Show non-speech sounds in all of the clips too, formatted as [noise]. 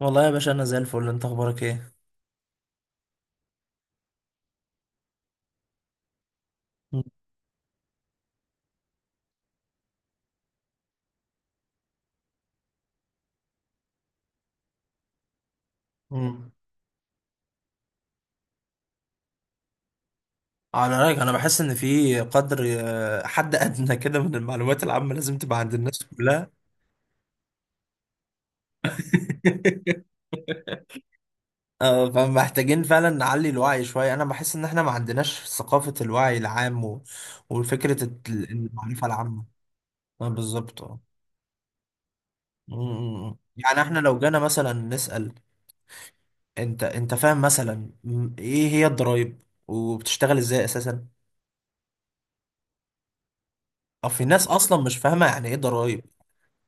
والله يا باشا انا زي الفل، انت اخبارك ايه؟ مم. مم. على رايك انا بحس ان في قدر حد ادنى كده من المعلومات العامه لازم تبقى عند الناس كلها. [laughs] فمحتاجين فعلا نعلي الوعي شويه. انا بحس ان احنا ما عندناش ثقافه الوعي العام وفكره المعرفه العامه. آه، بالظبط آه. م- م- م. يعني احنا لو جانا مثلا نسال، انت فاهم مثلا ايه هي الضرايب وبتشتغل ازاي اساسا؟ او في ناس اصلا مش فاهمه يعني ايه ضرايب.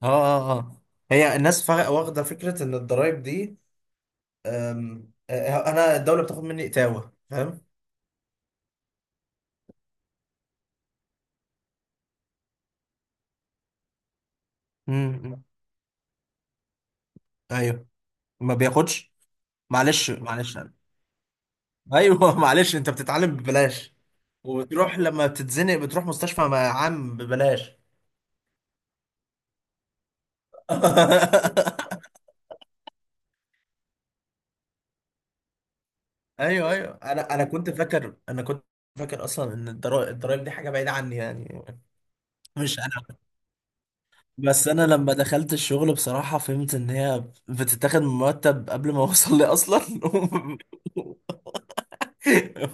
اه. هي الناس واخده فكره ان الضرايب دي، أم، آه، انا الدوله بتاخد مني اتاوه، فاهم؟ امم. ايوه. ما بياخدش. معلش معلش أنا. ايوه. [laughs] معلش، انت بتتعلم ببلاش، وبتروح لما بتتزنق بتروح مستشفى مع عام ببلاش. [laughs] ايوه ايوه، انا كنت فاكر، انا كنت فاكر اصلا ان الضرايب دي حاجه بعيده عني يعني. مش انا. بس انا لما دخلت الشغل بصراحة فهمت ان هي بتتاخد من مرتب قبل ما [laughs] اوصل لي اصلا. [laughs]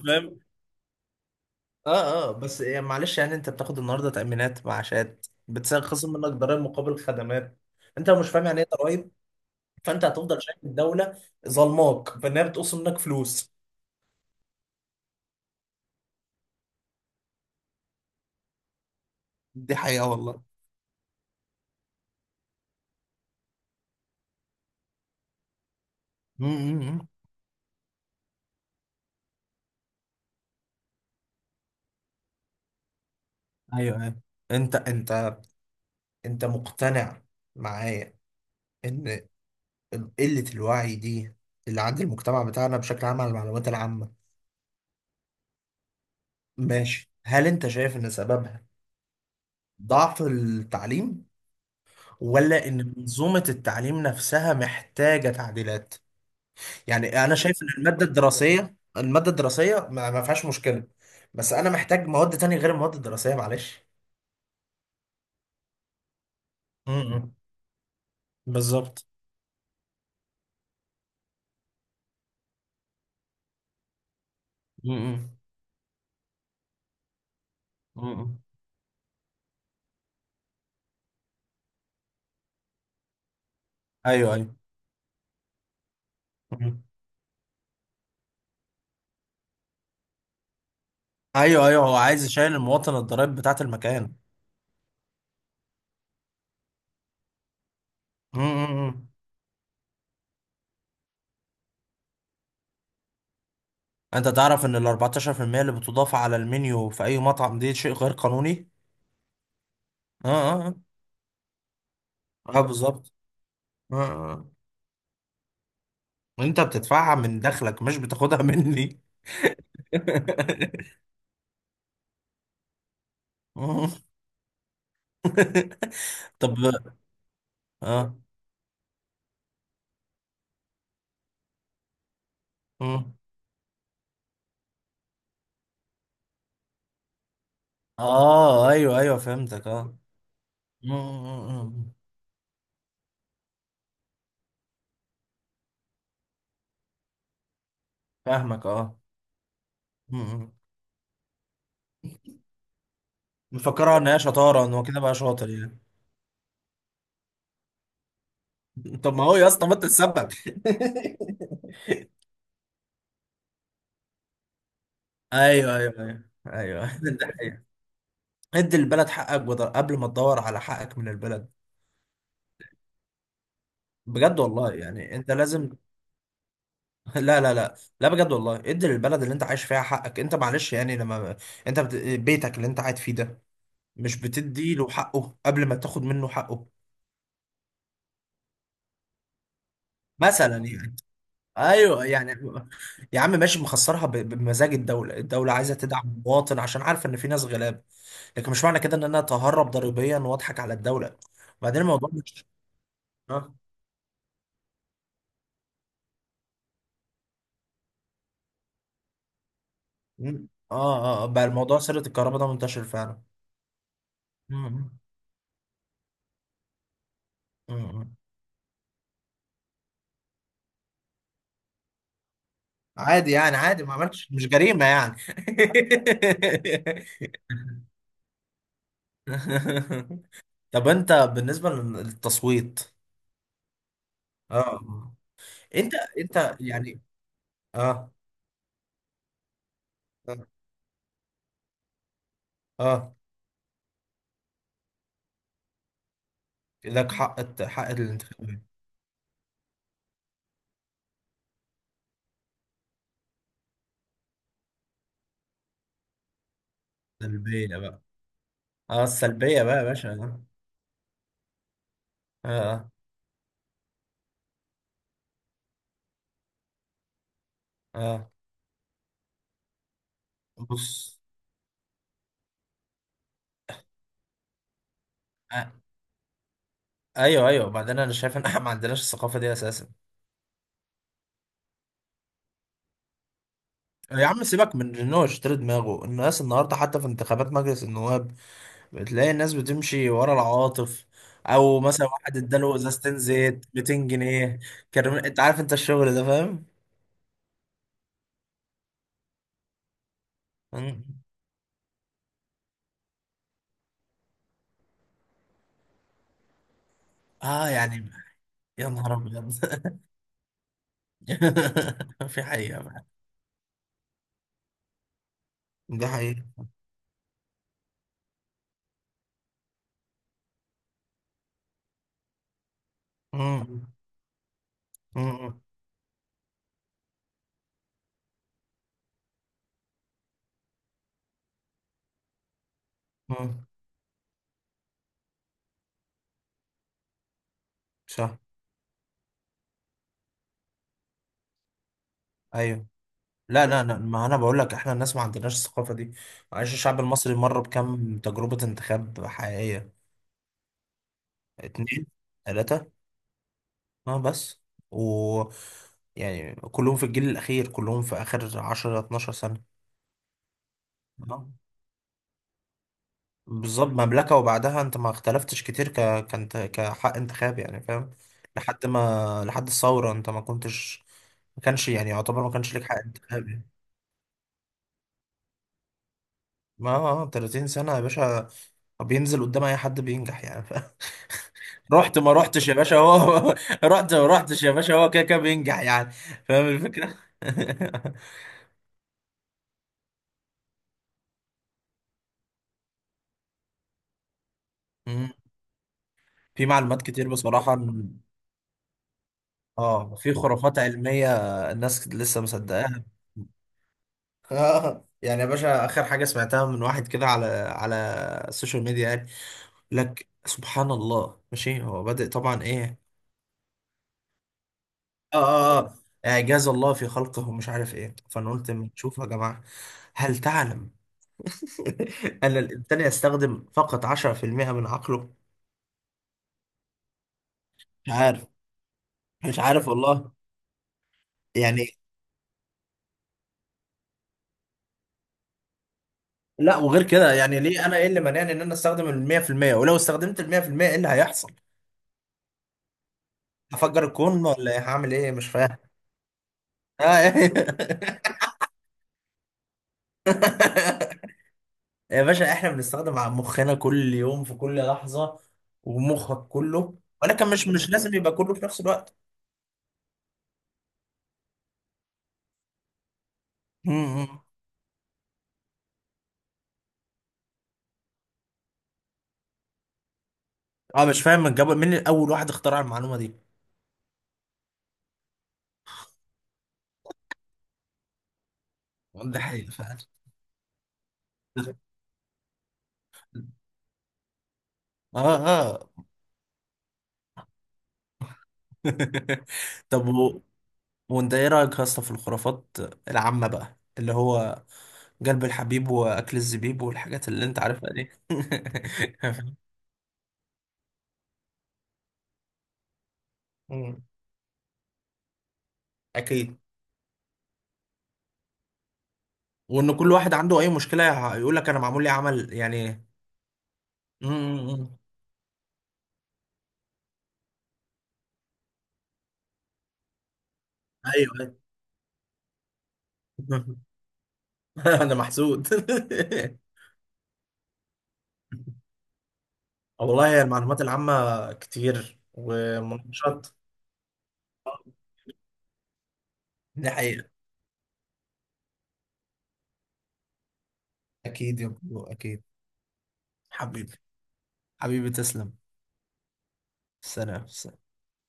فاهم. اه اه، بس يعني معلش، يعني انت بتاخد النهارده تأمينات معاشات، بتخصم منك ضرائب مقابل خدمات. انت لو مش فاهم يعني ايه ضرائب، فانت هتفضل شايف الدولة ظلماك، فانها بتقسم منك فلوس. دي حقيقة والله. م- م- م. ايوه ايوه. انت انت انت مقتنع معايا ان قلة الوعي دي اللي عند المجتمع بتاعنا بشكل عام على المعلومات العامة. ماشي، هل انت شايف ان سببها ضعف التعليم، ولا ان منظومة التعليم نفسها محتاجة تعديلات؟ يعني انا شايف ان المادة الدراسية، المادة الدراسية ما فيهاش مشكلة، بس انا محتاج مواد تانية غير المواد الدراسية، معلش. امم، بالظبط. امم. امم. ايوه ايوه. امم. ايوه ايوه، هو عايز يشيل المواطن الضرائب بتاعت المكان. امم. انت تعرف ان ال 14% اللي بتضاف على المنيو في اي مطعم دي شيء غير قانوني. اه اه. بالظبط. اه آه. انت بتدفعها من دخلك، مش بتاخدها مني. [laughs] طب. اه اه. آه، ايوه ايوه، فهمتك. اه. آه، آه، آه. آه. فاهمك. اه. آه، آه. مفكرها ان هي شطاره، ان هو كده بقى شاطر يعني. [laughs] طب ما هو يا اسطى ما انت السبب. [laughs] ايوه. [laughs] ده ادي البلد حقك قبل ما تدور على حقك من البلد. بجد والله، يعني انت لازم. [laughs] لا لا، بجد والله ادي للبلد اللي انت عايش فيها حقك، انت معلش يعني لما انت بيتك اللي انت قاعد فيه ده، مش بتدي له حقه قبل ما تاخد منه حقه. مثلا يعني. ايوه يعني، يا عم ماشي، مخسرها بمزاج. الدوله الدوله عايزه تدعم المواطن عشان عارفه ان في ناس غلاب، لكن مش معنى كده ان انا اتهرب ضريبيا واضحك على الدوله. وبعدين الموضوع مش... آه. مم. اه اه. آه، بقى الموضوع سيرة الكهرباء ده منتشر فعلا. مم. مم. عادي يعني، عادي، ما عملتش، مش جريمة يعني. [laughs] طب انت بالنسبة للتصويت؟ اه. انت انت يعني. اه اه. آه. لك حق حق الانتخابات. سلبية بقى. اه، السلبية بقى يا باشا. اه. اه. آه. بص. آه. ايوه ايوه، بعدين انا شايف ان [laughs] احنا ما عندناش الثقافة دي اساسا. يا عم سيبك من ان هو يشتري دماغه، الناس النهارده حتى في انتخابات مجلس النواب بتلاقي الناس بتمشي ورا العواطف، او مثلا واحد اداله ازازتين زيت 200 جنيه. كرم، انت عارف انت الشغل ده فاهم. مم. اه يعني. يا نهار ابيض. [laughs] في حقيقة بقى. دي حقيقة. مم. مم. مم. صح. ايوه. لا لا لا، ما انا بقول لك احنا الناس ما عندناش الثقافة دي. معلش، الشعب المصري مر بكم تجربة انتخاب حقيقية؟ اتنين، ثلاثة. اه بس. و. يعني كلهم في الجيل الأخير، كلهم في آخر 10 12 سنة. اه، بالظبط مملكة، وبعدها انت ما اختلفتش كتير كانت كحق انتخاب يعني، فاهم؟ لحد ما، لحد الثورة انت ما كنتش، ما كانش يعني، يعتبر ما كانش ليك حق انتخاب يعني. ما آه، 30 سنة يا باشا، بينزل قدام أي حد بينجح يعني، فاهم؟ [laughs] رحت ما رحتش يا باشا، هو [laughs] رحت ما رحتش يا باشا، هو كده كده بينجح يعني. فاهم الفكرة؟ [laughs] مم. في معلومات كتير بصراحة. اه في خرافات علمية الناس لسه مصدقاها. اه يعني يا باشا، اخر حاجة سمعتها من واحد كده على على السوشيال ميديا يعني، لك سبحان الله، ماشي، هو بادئ طبعا ايه. اه. اعجاز الله في خلقه، مش عارف ايه، فانا قلت ما تشوف يا جماعة، هل تعلم [laughs] ان الانسان يستخدم فقط 10% من عقله. مش عارف. مش عارف والله، يعني. لا وغير كده، يعني ليه انا، ايه اللي مانعني ان انا استخدم ال 100%؟ ولو استخدمت ال 100% ايه اللي هيحصل؟ هفجر الكون ولا إيه؟ هعمل ايه مش فاهم. آه إيه؟ [laughs] يا باشا احنا بنستخدم مخنا كل يوم في كل لحظة، ومخك كله، ولكن مش لازم يبقى كله في نفس الوقت. م- م. اه مش فاهم الجو، مين اول واحد اخترع المعلومة دي؟ ده حقيقة فعلا. اه اه. [laughs] طب و... وانت ايه رأيك يا اسطى في الخرافات العامة بقى، اللي هو قلب الحبيب واكل الزبيب والحاجات اللي انت عارفها دي. [laughs] مم. اكيد. وان كل واحد عنده اي مشكله يقول لك انا معمول لي عمل يعني. امم. ايوه، أيوة. [laughs] انا محسود. [laughs] والله هي المعلومات العامه كتير ومناقشات. دي حقيقه. اكيد يا برو، اكيد. حبيبي. حبيبي تسلم. سلام.